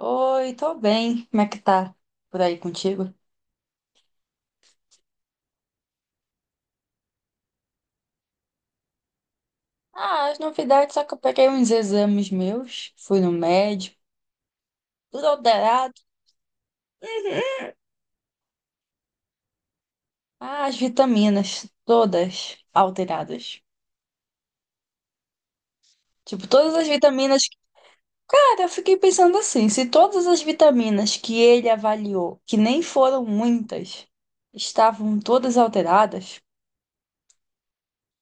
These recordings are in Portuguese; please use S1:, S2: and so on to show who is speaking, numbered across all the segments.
S1: Oi, tô bem. Como é que tá por aí contigo? Ah, as novidades, só que eu peguei uns exames meus, fui no médico, tudo alterado. Ah, as vitaminas, todas alteradas. Tipo, todas as vitaminas. Cara, eu fiquei pensando assim, se todas as vitaminas que ele avaliou, que nem foram muitas, estavam todas alteradas,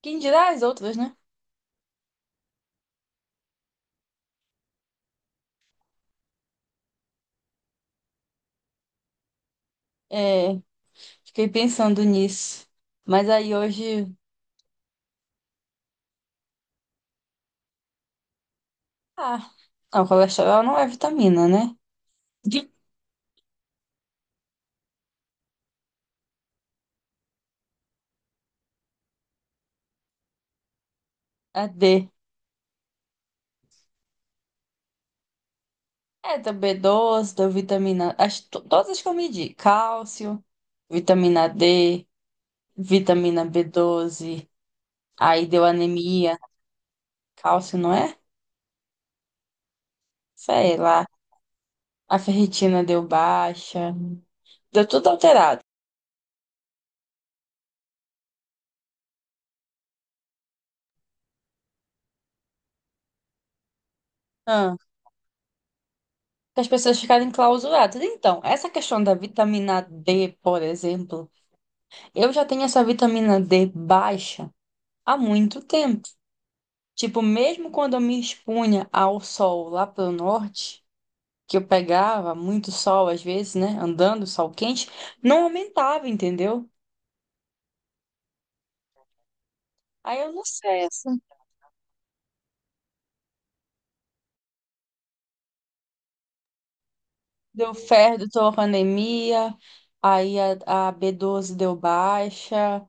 S1: quem dirá as outras, né? É, fiquei pensando nisso. Mas aí hoje. Ah, não, colesterol não é vitamina, né? É D. É da B12 da vitamina. As, todas as que eu medi: cálcio, vitamina D, vitamina B12. Aí deu anemia. Cálcio, não é? Sei lá. A ferritina deu baixa. Deu tudo alterado. Ah, que as pessoas ficarem clausuradas. Então, essa questão da vitamina D, por exemplo, eu já tenho essa vitamina D baixa há muito tempo. Tipo, mesmo quando eu me expunha ao sol lá pelo norte, que eu pegava muito sol às vezes, né? Andando, sol quente, não aumentava, entendeu? Aí eu não sei, assim, deu ferro, a anemia, aí a B12 deu baixa,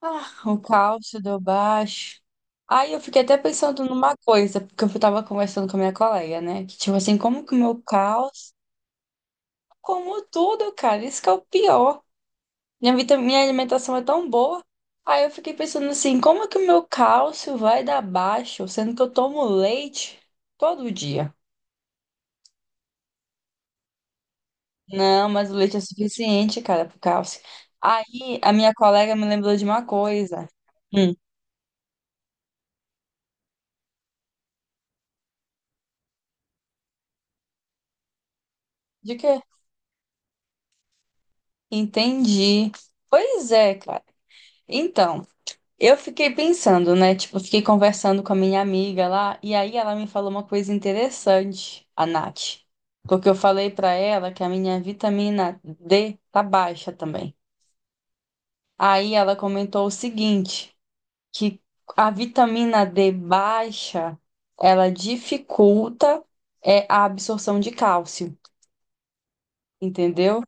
S1: ah, o cálcio deu baixo. Aí eu fiquei até pensando numa coisa, porque eu tava conversando com a minha colega, né? Que tipo assim, como que o meu cálcio, como tudo, cara, isso que é o pior. Minha minha alimentação é tão boa. Aí eu fiquei pensando assim, como é que o meu cálcio vai dar baixo, sendo que eu tomo leite todo dia? Não, mas o leite é suficiente, cara, pro cálcio. Aí a minha colega me lembrou de uma coisa. Hum, de quê? Entendi. Pois é, cara. Então. Eu fiquei pensando, né? Tipo, eu fiquei conversando com a minha amiga lá, e aí ela me falou uma coisa interessante, a Nath. Porque eu falei pra ela que a minha vitamina D tá baixa também. Aí ela comentou o seguinte, que a vitamina D baixa, ela dificulta a absorção de cálcio, entendeu?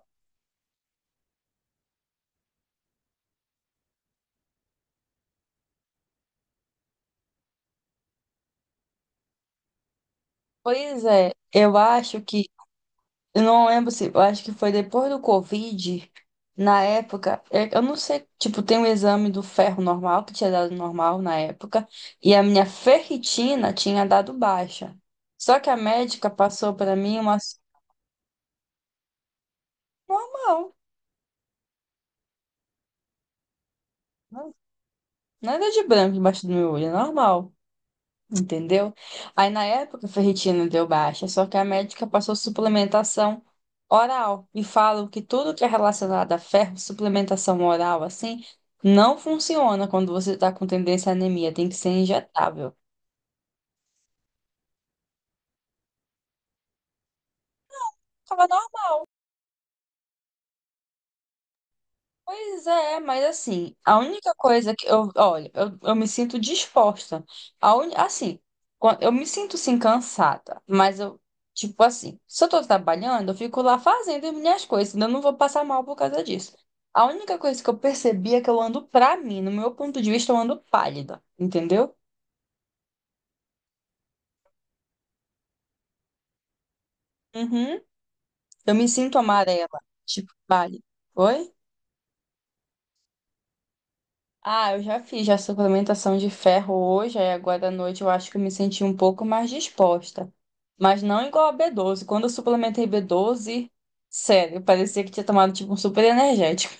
S1: Pois é, eu acho que eu não lembro se, eu acho que foi depois do Covid, na época, eu não sei, tipo, tem um exame do ferro normal, que tinha dado normal na época, e a minha ferritina tinha dado baixa. Só que a médica passou pra mim uma assim, normal, né? Nada de branco embaixo do meu olho, é normal. Entendeu? Aí na época a ferritina deu baixa, só que a médica passou suplementação oral e falam que tudo que é relacionado a ferro, suplementação oral assim, não funciona quando você está com tendência à anemia, tem que ser injetável. Pois é, mas assim, a única coisa que eu, olha, eu me sinto disposta. Assim, eu me sinto sim cansada, mas eu, tipo assim, se eu tô trabalhando, eu fico lá fazendo as minhas coisas, senão eu não vou passar mal por causa disso. A única coisa que eu percebi é que eu ando, pra mim, no meu ponto de vista, eu ando pálida, entendeu? Uhum. Eu me sinto amarela, tipo pálida. Oi? Ah, eu já fiz já suplementação de ferro hoje, aí agora à noite eu acho que eu me senti um pouco mais disposta. Mas não igual a B12. Quando eu suplementei B12, sério, parecia que tinha tomado tipo um super energético.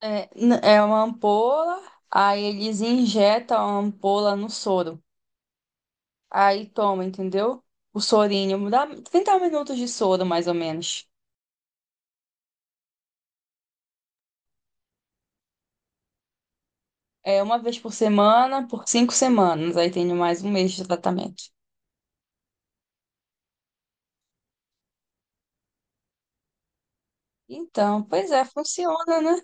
S1: É, é uma ampola, aí eles injetam a ampola no soro. Aí toma, entendeu? O sorinho, dá 30 minutos de soro, mais ou menos. É uma vez por semana, por 5 semanas. Aí tem mais um mês de tratamento. Então, pois é, funciona, né?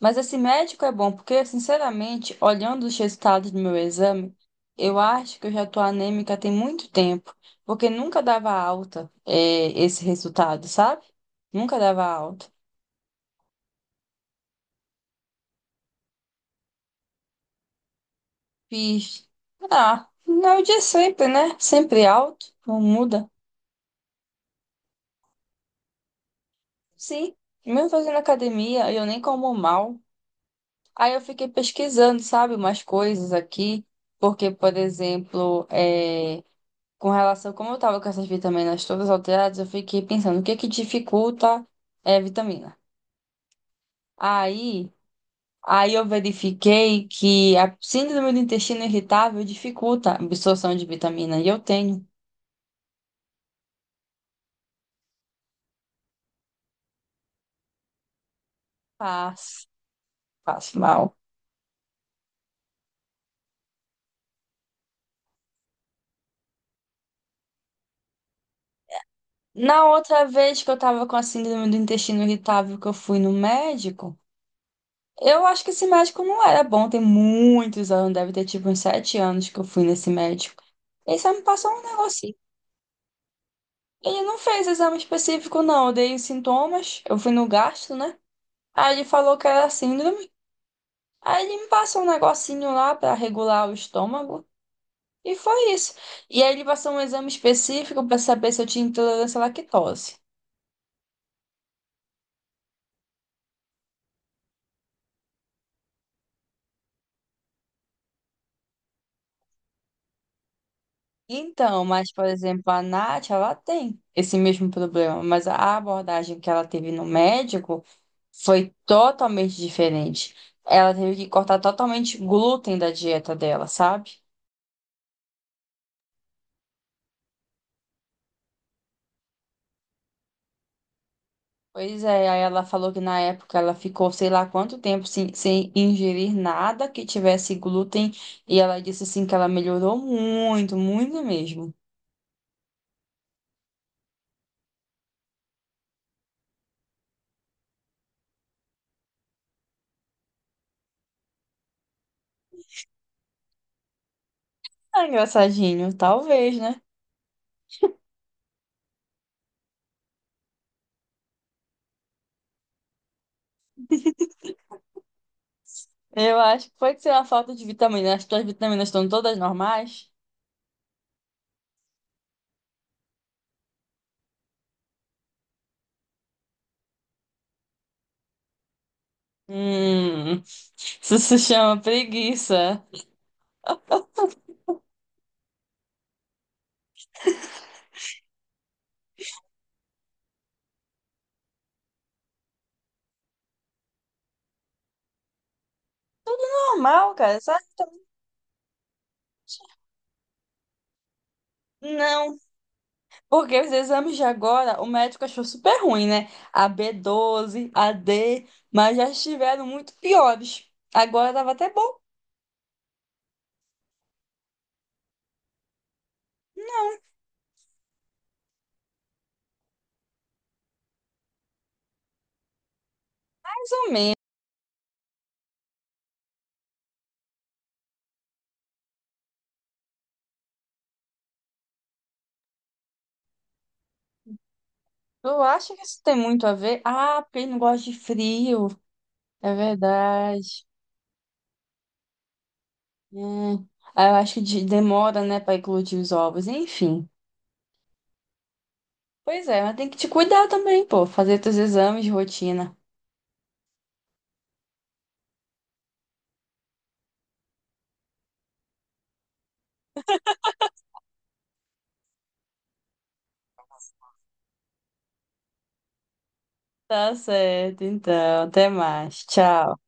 S1: Mas esse médico é bom, porque, sinceramente, olhando os resultados do meu exame, eu acho que eu já tô anêmica tem muito tempo, porque nunca dava alta, esse resultado, sabe? Nunca dava alta. Fiz. Ah, não é o de sempre, né? Sempre alto, não muda. Sim, mesmo fazendo academia, eu nem como mal. Aí eu fiquei pesquisando, sabe, umas coisas aqui, porque, por exemplo, com relação, como eu tava com essas vitaminas todas alteradas, eu fiquei pensando, o que é que dificulta vitamina? Aí, aí eu verifiquei que a síndrome do intestino irritável dificulta a absorção de vitamina, e eu tenho. Faz, faz mal. Na outra vez que eu tava com a síndrome do intestino irritável, que eu fui no médico, eu acho que esse médico não era bom, tem muitos anos, deve ter tipo uns 7 anos que eu fui nesse médico. Ele só me passou um negocinho. Ele não fez exame específico, não. Eu dei os sintomas, eu fui no gastro, né? Aí ele falou que era síndrome. Aí ele me passou um negocinho lá pra regular o estômago. E foi isso. E aí ele passou um exame específico pra saber se eu tinha intolerância à lactose. Então, mas, por exemplo, a Nath, ela tem esse mesmo problema, mas a abordagem que ela teve no médico foi totalmente diferente. Ela teve que cortar totalmente glúten da dieta dela, sabe? Pois é, aí ela falou que na época ela ficou sei lá quanto tempo sem ingerir nada que tivesse glúten e ela disse assim que ela melhorou muito, muito mesmo. Ah, engraçadinho, talvez, né? Eu acho que pode ser uma falta de vitamina. As tuas vitaminas estão todas normais? Hum, isso se chama preguiça. Normal, cara, sabe? Não. Porque os exames de agora, o médico achou super ruim, né? A b doze, a D, mas já estiveram muito piores. Agora tava até bom. Eu acho que isso tem muito a ver. Ah, porque ele não gosta de frio. É verdade. Hum. Ah, eu acho que demora, né, para eclodir os ovos. Enfim. Pois é, mas tem que te cuidar também, pô. Fazer teus exames de rotina. Tá certo, então. Até mais. Tchau.